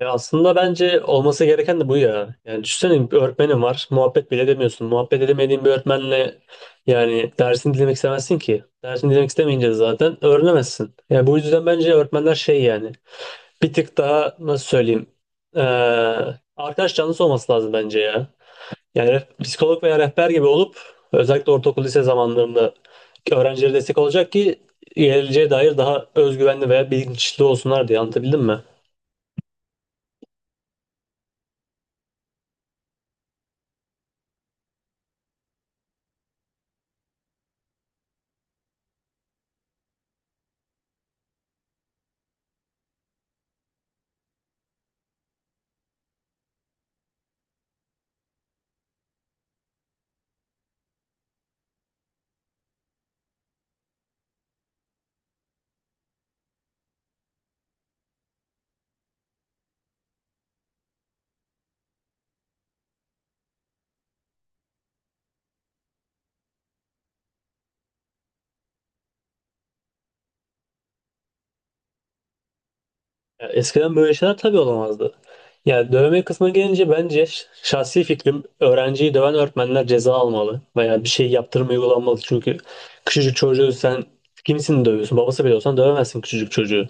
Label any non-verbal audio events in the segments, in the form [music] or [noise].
Ya aslında bence olması gereken de bu ya. Yani düşünsene bir öğretmenin var. Muhabbet bile edemiyorsun. Muhabbet edemediğin bir öğretmenle yani dersini dinlemek istemezsin ki. Dersini dinlemek istemeyince de zaten öğrenemezsin. Yani bu yüzden bence öğretmenler şey yani bir tık daha nasıl söyleyeyim ee, arkadaş canlısı olması lazım bence ya. Yani psikolog veya rehber gibi olup özellikle ortaokul lise zamanlarında öğrencilere destek olacak ki geleceğe dair daha özgüvenli veya bilinçli olsunlar diye anlatabildim mi? Ya eskiden böyle şeyler tabii olamazdı. Yani dövme kısmına gelince bence şahsi fikrim öğrenciyi döven öğretmenler ceza almalı veya bir şey yaptırım uygulanmalı. Çünkü küçücük çocuğu sen kimsin dövüyorsun? Babası bile olsan dövemezsin küçücük çocuğu.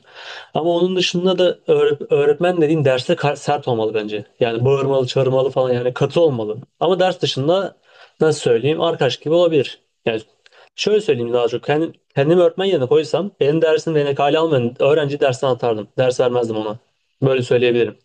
Ama onun dışında da öğretmen dediğin derste sert olmalı bence. Yani bağırmalı, çağırmalı falan yani katı olmalı. Ama ders dışında nasıl söyleyeyim arkadaş gibi olabilir. Yani şöyle söyleyeyim daha çok. Kendim, kendimi öğretmen yerine koysam benim dersim ve kale almayan öğrenci dersten atardım. Ders vermezdim ona. Böyle söyleyebilirim.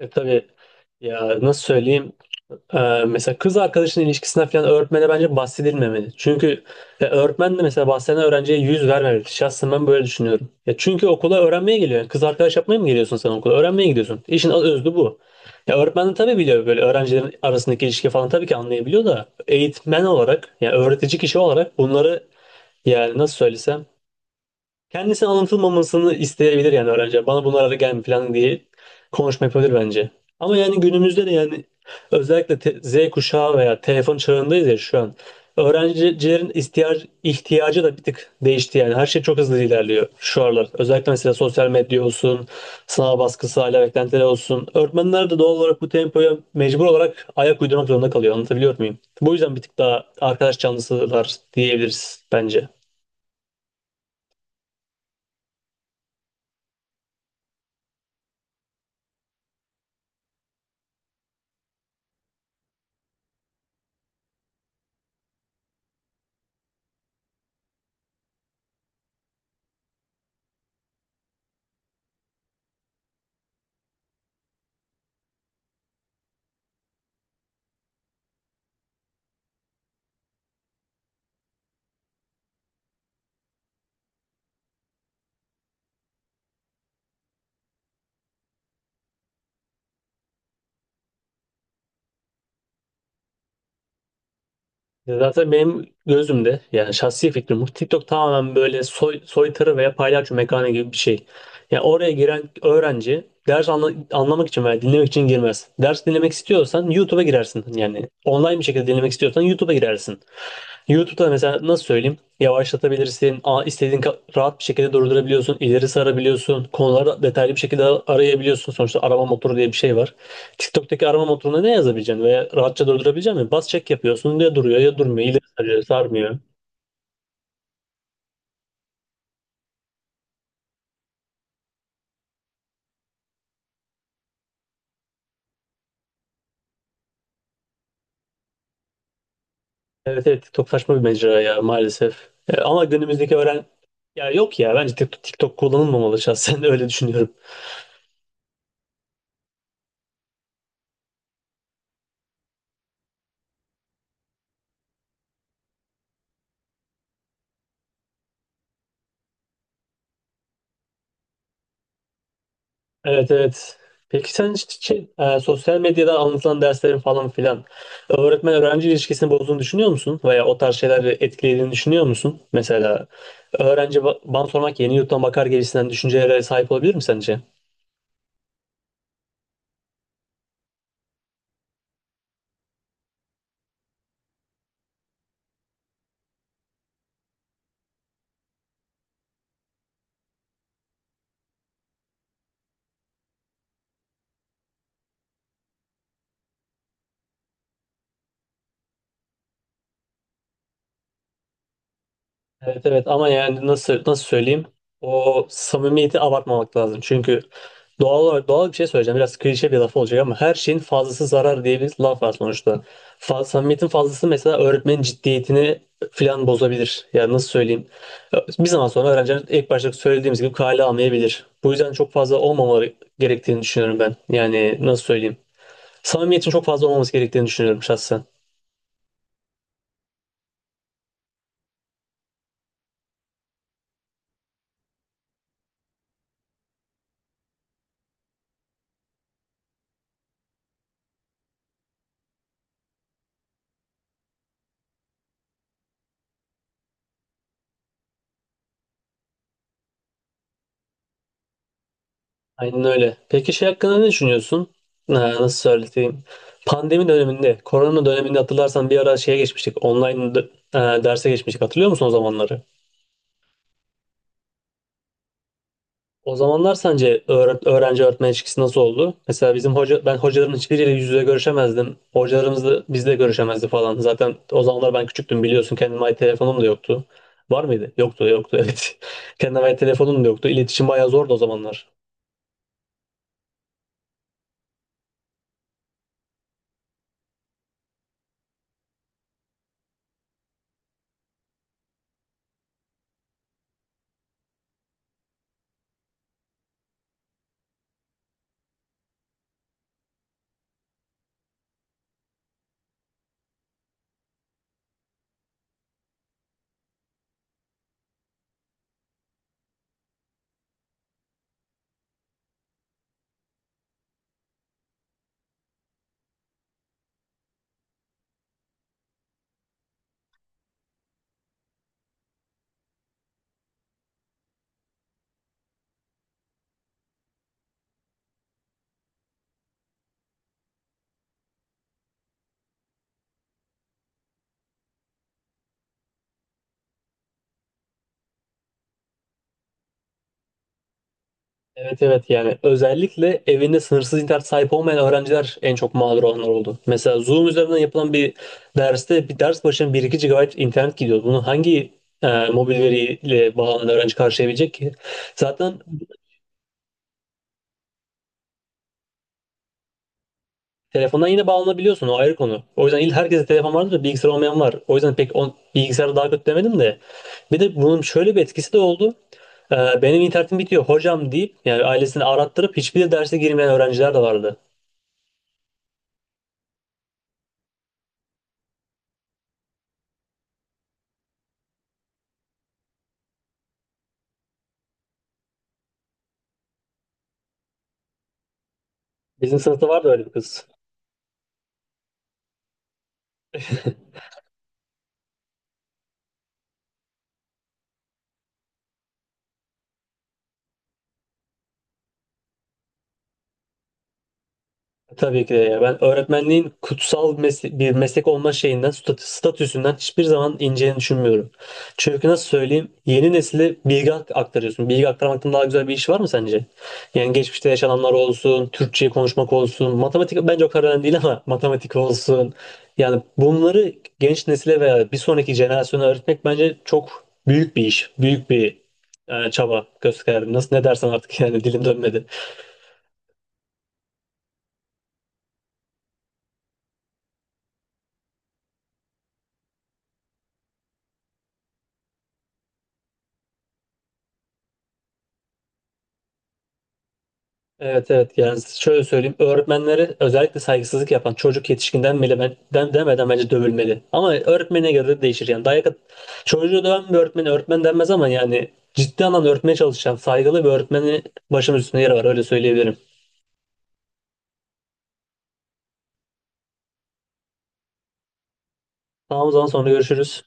Tabii ya nasıl söyleyeyim? E, mesela kız arkadaşının ilişkisine falan öğretmene bence bahsedilmemeli. Çünkü öğretmen de mesela bahseden öğrenciye yüz vermemeli. Şahsen ben böyle düşünüyorum. Ya çünkü okula öğrenmeye geliyor. Yani kız arkadaş yapmaya mı geliyorsun sen okula? Öğrenmeye gidiyorsun. İşin özü bu. Ya öğretmen de tabii biliyor böyle öğrencilerin arasındaki ilişki falan tabii ki anlayabiliyor da eğitmen olarak yani öğretici kişi olarak bunları yani nasıl söylesem kendisi anlatılmamasını isteyebilir yani öğrenci. Bana bunlara da gelme falan diye konuşma yapabilir bence. Ama yani günümüzde de yani özellikle Z kuşağı veya telefon çağındayız ya şu an. Öğrencilerin ihtiyacı da bir tık değişti yani. Her şey çok hızlı ilerliyor şu aralar. Özellikle mesela sosyal medya olsun, sınav baskısı, aile beklentileri olsun. Öğretmenler de doğal olarak bu tempoya mecbur olarak ayak uydurmak zorunda kalıyor. Anlatabiliyor muyum? Bu yüzden bir tık daha arkadaş canlısılar diyebiliriz bence. Ya zaten benim gözümde yani şahsi fikrim bu. TikTok tamamen böyle soytarı veya paylaşım mekanı gibi bir şey. Yani oraya giren öğrenci ders anlamak için veya dinlemek için girmez. Ders dinlemek istiyorsan YouTube'a girersin. Yani online bir şekilde dinlemek istiyorsan YouTube'a girersin. YouTube'da mesela nasıl söyleyeyim? Yavaşlatabilirsin, istediğin rahat bir şekilde durdurabiliyorsun, ileri sarabiliyorsun, konuları detaylı bir şekilde arayabiliyorsun. Sonuçta arama motoru diye bir şey var. TikTok'taki arama motoruna ne yazabileceksin veya rahatça durdurabileceksin mi? Bas çek yapıyorsun ya duruyor ya durmuyor, ileri sarıyor, sarmıyor. Evet evet, TikTok saçma bir mecra ya maalesef. Ama günümüzdeki öğren... Ya yok ya, bence TikTok kullanılmamalı şahsen [laughs] öyle düşünüyorum. Evet evet. Peki sen hiç şey, sosyal medyada anlatılan derslerin falan filan öğretmen öğrenci ilişkisini bozduğunu düşünüyor musun? Veya o tarz şeyleri etkilediğini düşünüyor musun? Mesela öğrenci bana sormak yeni yurttan bakar gibisinden düşüncelere sahip olabilir mi sence? Evet evet, ama yani nasıl söyleyeyim? O samimiyeti abartmamak lazım. Çünkü doğal olarak doğal bir şey söyleyeceğim. Biraz klişe bir laf olacak ama her şeyin fazlası zarar diye bir laf var sonuçta. Samimiyetin fazlası mesela öğretmenin ciddiyetini filan bozabilir. Yani nasıl söyleyeyim? Bir zaman sonra öğrenciler ilk başta söylediğimiz gibi kale almayabilir. Bu yüzden çok fazla olmamaları gerektiğini düşünüyorum ben. Yani nasıl söyleyeyim? Samimiyetin çok fazla olmaması gerektiğini düşünüyorum şahsen. Aynen öyle. Peki şey hakkında ne düşünüyorsun? Ha, nasıl söyleyeyim? Pandemi döneminde, korona döneminde hatırlarsan bir ara şeye geçmiştik. Online derse geçmiştik. Hatırlıyor musun o zamanları? O zamanlar sence öğrenci öğretmen ilişkisi nasıl oldu? Mesela bizim hoca ben hocaların hiçbiriyle yüz yüze görüşemezdim. Hocalarımız da bizle görüşemezdi falan. Zaten o zamanlar ben küçüktüm biliyorsun. Kendime ait telefonum da yoktu. Var mıydı? Yoktu, yoktu [laughs] evet. Kendime ait telefonum da yoktu. İletişim bayağı zordu o zamanlar. Evet evet, yani özellikle evinde sınırsız internet sahip olmayan öğrenciler en çok mağdur olanlar oldu. Mesela Zoom üzerinden yapılan bir derste bir ders başına bir iki gigabayt internet gidiyor. Bunu hangi mobil veriyle bağlanan öğrenci karşılayabilecek ki? Zaten telefondan yine bağlanabiliyorsun, o ayrı konu. O yüzden il herkese telefon vardır da bilgisayar olmayan var. O yüzden pek bilgisayarı daha kötü demedim de. Bir de bunun şöyle bir etkisi de oldu. E, benim internetim bitiyor hocam deyip yani ailesini arattırıp hiçbir derse girmeyen öğrenciler de vardı. Bizim sınıfta vardı öyle bir kız. Tabii ki de ya. Ben öğretmenliğin kutsal bir meslek olma şeyinden, statüsünden hiçbir zaman ineceğini düşünmüyorum. Çünkü nasıl söyleyeyim, yeni nesile bilgi aktarıyorsun. Bilgi aktarmaktan daha güzel bir iş var mı sence? Yani geçmişte yaşananlar olsun, Türkçe konuşmak olsun, matematik bence o kadar önemli değil ama [laughs] matematik olsun. Yani bunları genç nesile veya bir sonraki jenerasyona öğretmek bence çok büyük bir iş, büyük bir çaba gösterdim. Nasıl ne dersen artık yani dilim dönmedi. Evet evet, yani şöyle söyleyeyim öğretmenlere özellikle saygısızlık yapan çocuk yetişkinden bile demeden bence dövülmeli. Ama öğretmene göre de değişir yani çocuğu döven bir öğretmeni öğretmen denmez ama yani ciddi anlamda öğretmeye çalışan saygılı bir öğretmenin başımız üstünde yeri var, öyle söyleyebilirim. Tamam, o zaman sonra görüşürüz.